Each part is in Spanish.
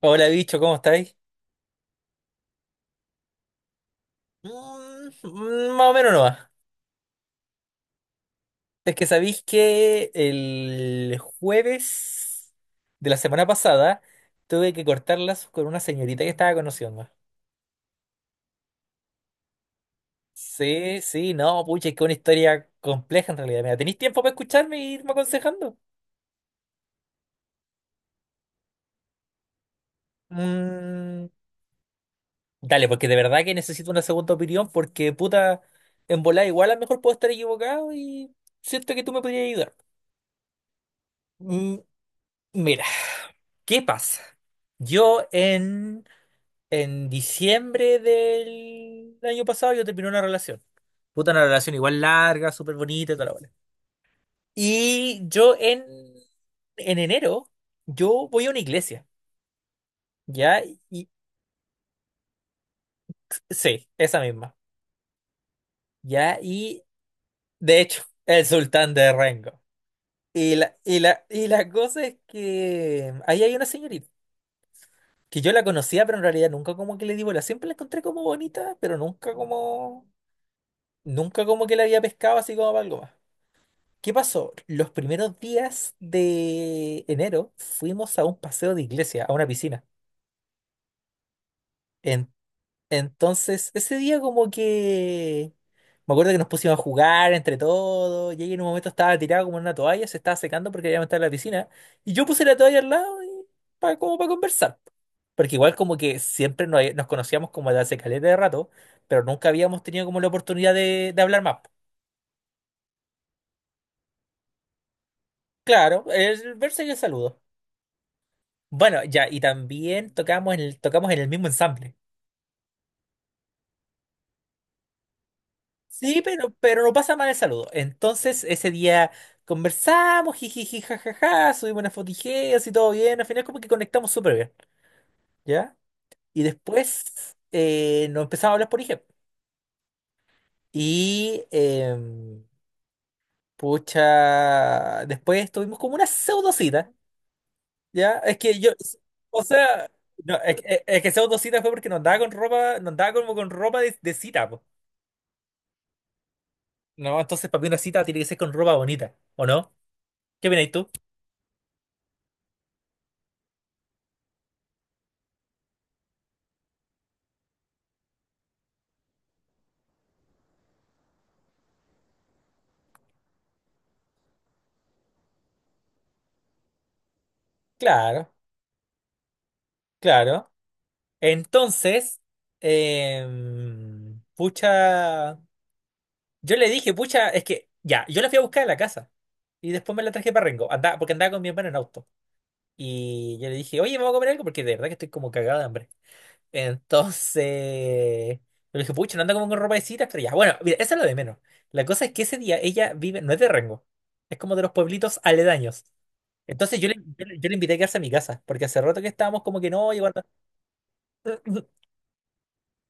Hola, bicho, ¿cómo estáis? Mm, más o menos no va. Es que sabéis que el jueves de la semana pasada tuve que cortarlas con una señorita que estaba conociendo. Sí, sí, no, pucha, es que una historia compleja en realidad. Mira, ¿tenéis tiempo para escucharme e irme aconsejando? Mm, Dale, porque de verdad que necesito una segunda opinión, porque puta, en volada igual a lo mejor puedo estar equivocado y siento que tú me podrías ayudar. Mm, Mira. ¿Qué pasa? Yo en diciembre del año pasado yo terminé una relación. Puta, una relación igual larga, súper bonita y toda la bola. Y yo en enero, yo voy a una iglesia, ¿ya? Y sí, esa misma, ¿ya? Y de hecho, el sultán de Rengo. Y la cosa es que ahí hay una señorita, que yo la conocía, pero en realidad nunca como que le di bola. Siempre la encontré como bonita, pero nunca como... Nunca como que la había pescado así como para algo más. ¿Qué pasó? Los primeros días de enero fuimos a un paseo de iglesia, a una piscina. En- entonces, ese día como que... Me acuerdo que nos pusimos a jugar entre todos. Y ella en un momento estaba tirada como en una toalla, se estaba secando porque había estar en la piscina. Y yo puse la toalla al lado y como para conversar. Porque igual como que siempre nos conocíamos como de hace caleta de rato, pero nunca habíamos tenido como la oportunidad de hablar más. Claro, el verse y el saludo. Bueno, ya, y también tocamos en el mismo ensamble. Sí, pero no pasa mal el saludo. Entonces, ese día conversamos, jijiji, jajaja, subimos unas fotijeas y todo bien. Al final, como que conectamos súper bien, ¿ya? Y después nos empezamos a hablar por IG. Y pucha, después tuvimos como una pseudocita, ¿ya? Es que yo, o sea, no, es que pseudocita fue porque no andaba con ropa, no andaba como con ropa de cita. No, entonces para mí una cita tiene que ser con ropa bonita, ¿o no? ¿Qué opinas tú? Claro, claro. Entonces, pucha, yo le dije, pucha, es que ya, yo la fui a buscar a la casa y después me la traje para Rengo, andaba, porque andaba con mi hermano en auto. Y yo le dije, oye, vamos a comer algo porque de verdad que estoy como cagado de hambre. Entonces, le dije, pucha, no anda como con ropa de citas, pero ya, bueno, mira, eso es lo de menos. La cosa es que ese día ella vive, no es de Rengo, es como de los pueblitos aledaños. Entonces yo le invité a quedarse a mi casa, porque hace rato que estábamos como que no, y guarda.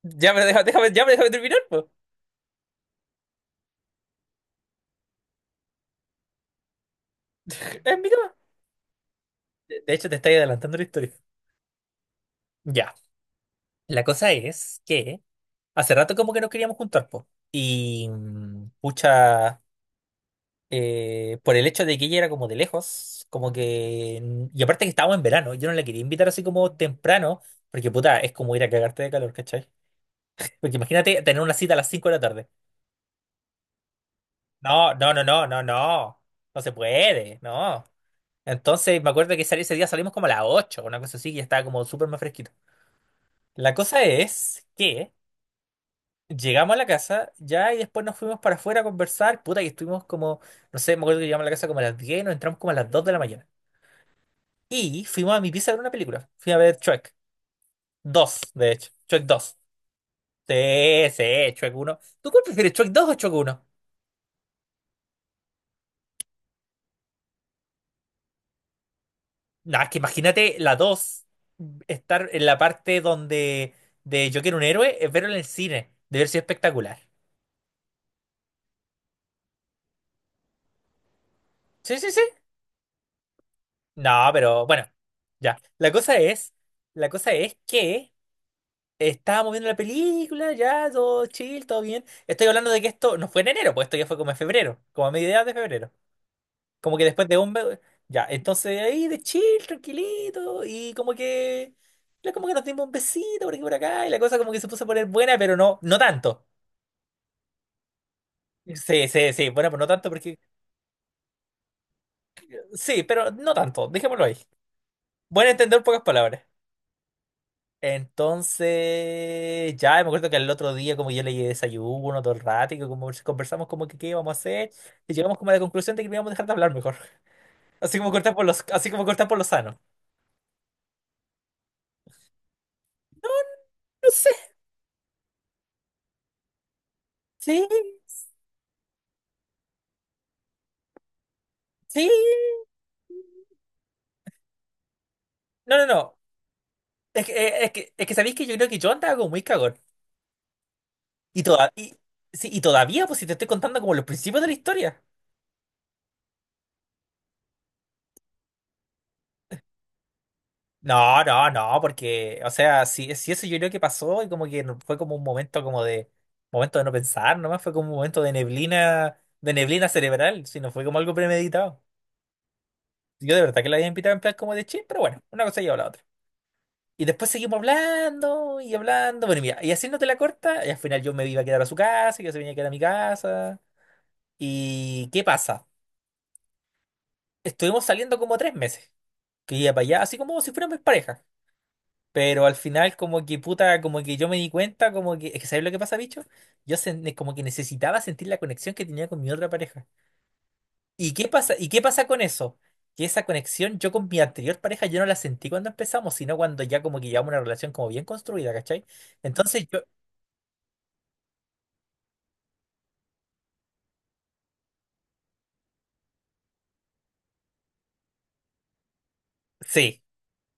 Ya, pero deja déjame, ya, pero déjame terminar, pues. Es mi cama. De hecho, te estoy adelantando la historia. Ya. La cosa es que hace rato como que nos queríamos juntar, pues. Y pucha, por el hecho de que ella era como de lejos, como que... Y aparte que estábamos en verano, yo no la quería invitar así como temprano, porque puta, es como ir a cagarte de calor, ¿cachai? Porque imagínate tener una cita a las 5 de la tarde. No, no, no, no, no, no. No se puede, no. Entonces me acuerdo que ese día salimos como a las 8, una cosa así, que ya estaba como súper más fresquito. La cosa es que llegamos a la casa ya y después nos fuimos para afuera a conversar. Puta, que estuvimos como, no sé, me acuerdo que llegamos a la casa como a las 10 y nos entramos como a las 2 de la mañana. Y fuimos a mi pieza a ver una película. Fui a ver Shrek dos, de hecho. Shrek dos. Sí, sí, Shrek 1. ¿Tú cuál prefieres, Shrek 2 o Shrek uno? Nah, es que imagínate la dos, estar en la parte donde de Yo quiero un héroe, es verlo en el cine, debe haber sido espectacular. Sí, sí, sí. No, pero bueno, ya. La cosa es que estábamos viendo la película, ya, todo chill, todo bien. Estoy hablando de que esto no fue en enero, pues esto ya fue como en febrero, como a mediados de febrero. Como que después de un... Ya, entonces ahí de chill, tranquilito, y como que... Como que nos dimos un besito por aquí y por acá, y la cosa como que se puso a poner buena, pero no, no tanto. Sí, sí, sí. Bueno, pues no tanto porque... Sí, pero no tanto. Dejémoslo ahí. Buen entender, pocas palabras. Entonces, ya me acuerdo que el otro día como yo leí desayuno todo el rato y que como si conversamos como que qué íbamos a hacer y llegamos como a la conclusión de que no íbamos a dejar de hablar mejor. Así como cortar así como cortar por lo sano. No sé. Sí, sí. No, no, no. Es que, sabéis que yo creo que yo andaba como muy cagón. Y sí, y todavía, pues si te estoy contando como los principios de la historia. No, no, no, porque, o sea, si eso yo creo que pasó y como que fue como un momento como de, momento de no pensar, nomás fue como un momento de neblina cerebral, si no fue como algo premeditado. Yo de verdad que la había invitado en plan como de chill, pero bueno, una cosa lleva a la otra. Y después seguimos hablando y hablando, bueno, y mira, y haciéndote la corta, y al final yo me iba a quedar a su casa, y yo se venía a quedar a mi casa. ¿Y qué pasa? Estuvimos saliendo como 3 meses, que iba para allá, así como si fuéramos pareja. Pero al final, como que puta, como que yo me di cuenta, como que, es que ¿sabes lo que pasa, bicho? Como que necesitaba sentir la conexión que tenía con mi otra pareja. ¿Y qué pasa? ¿Y qué pasa con eso? Que esa conexión yo con mi anterior pareja yo no la sentí cuando empezamos, sino cuando ya como que llevamos una relación como bien construida, ¿cachai? Entonces yo, sí.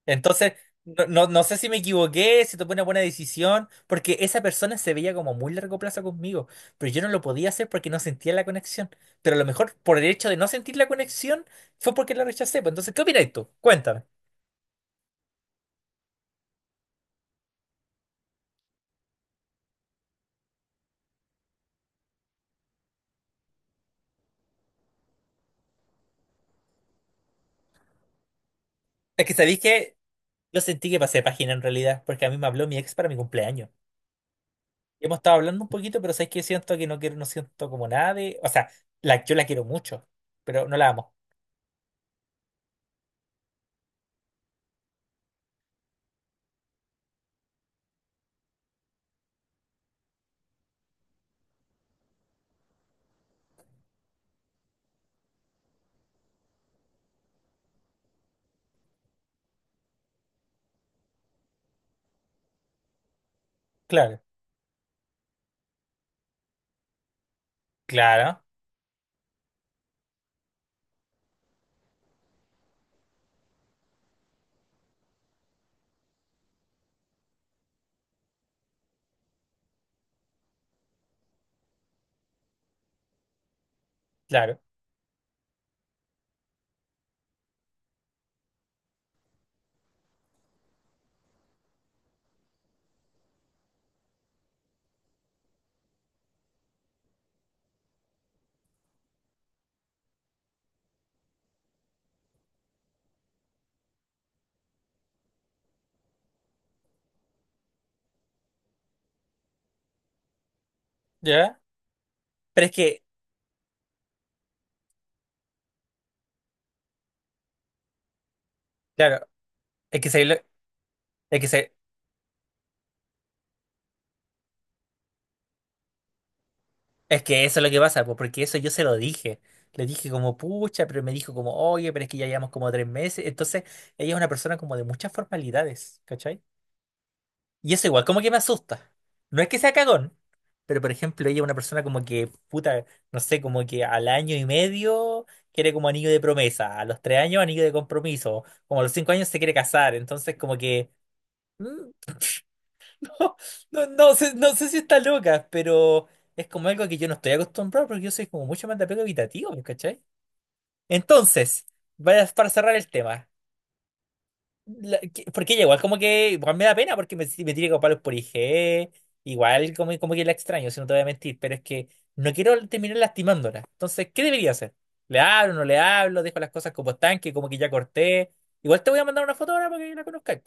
Entonces, no, no, no sé si me equivoqué, si tomé una buena decisión, porque esa persona se veía como muy largo plazo conmigo, pero yo no lo podía hacer porque no sentía la conexión. Pero a lo mejor por el hecho de no sentir la conexión fue porque la rechacé. Pues entonces, ¿qué opinas tú? Cuéntame. Es que sabéis que yo sentí que pasé página en realidad, porque a mí me habló mi ex para mi cumpleaños. Hemos estado hablando un poquito, pero sabéis que siento que no quiero, no siento como nada de. O sea, yo la quiero mucho, pero no la amo. Claro, claro, claro. ¿Ya? Pero es que, claro, es que sabéis lo- Es que, eso es lo que pasa, pues, porque eso yo se lo dije. Le dije como, pucha, pero me dijo como, oye, pero es que ya llevamos como 3 meses. Entonces, ella es una persona como de muchas formalidades, ¿cachai? Y eso igual, como que me asusta. No es que sea cagón, pero por ejemplo, ella es una persona como que, puta, no sé, como que al año y medio quiere como anillo de promesa, a los 3 años anillo de compromiso, como a los 5 años se quiere casar. Entonces, como que... mm, No, no sé, no sé si está loca, pero es como algo que yo no estoy acostumbrado porque yo soy como mucho más de apego evitativo, pues, ¿cachai? Entonces, para cerrar el tema, porque ella igual como que igual me da pena porque si me tiene como palos por IG, igual como que la extraño, si no te voy a mentir, pero es que no quiero terminar lastimándola. Entonces, ¿qué debería hacer? ¿Le hablo, no le hablo? ¿Dejo las cosas como están, que como que ya corté? Igual te voy a mandar una foto ahora para que la conozcas.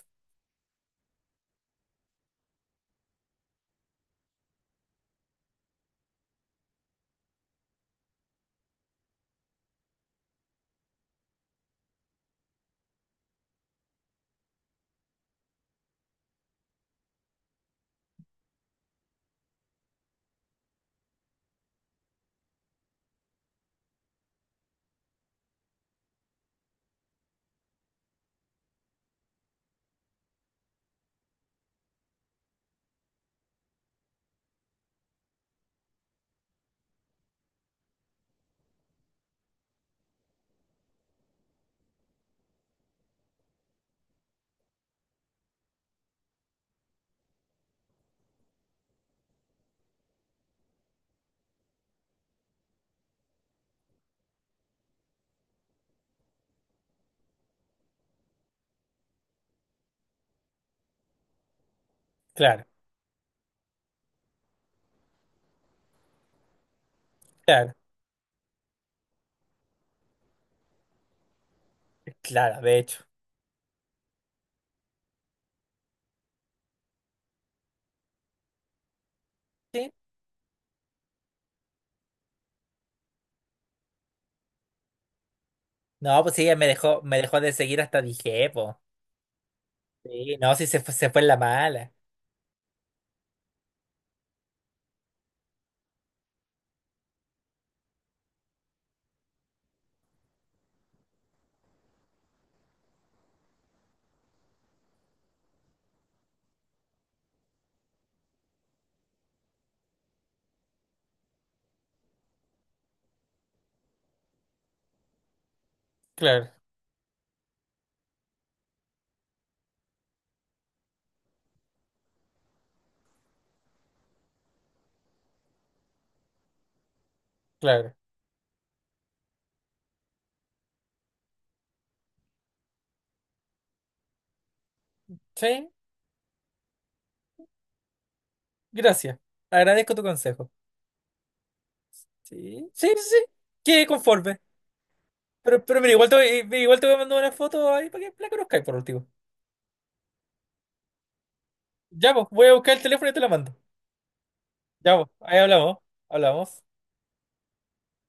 Claro, claro, claro, de hecho. Sí, no, pues sí, ella me dejó de seguir hasta dije, pues. Sí, no, sí se fue en la mala. Claro, claro. Sí, gracias. Agradezco tu consejo. Sí, sí, sí. Quedé conforme. Pero mira, igual igual te voy a mandar una foto ahí para que la conozcáis por último. Ya, pues, voy a buscar el teléfono y te la mando. Ya, pues, ahí hablamos. Hablamos.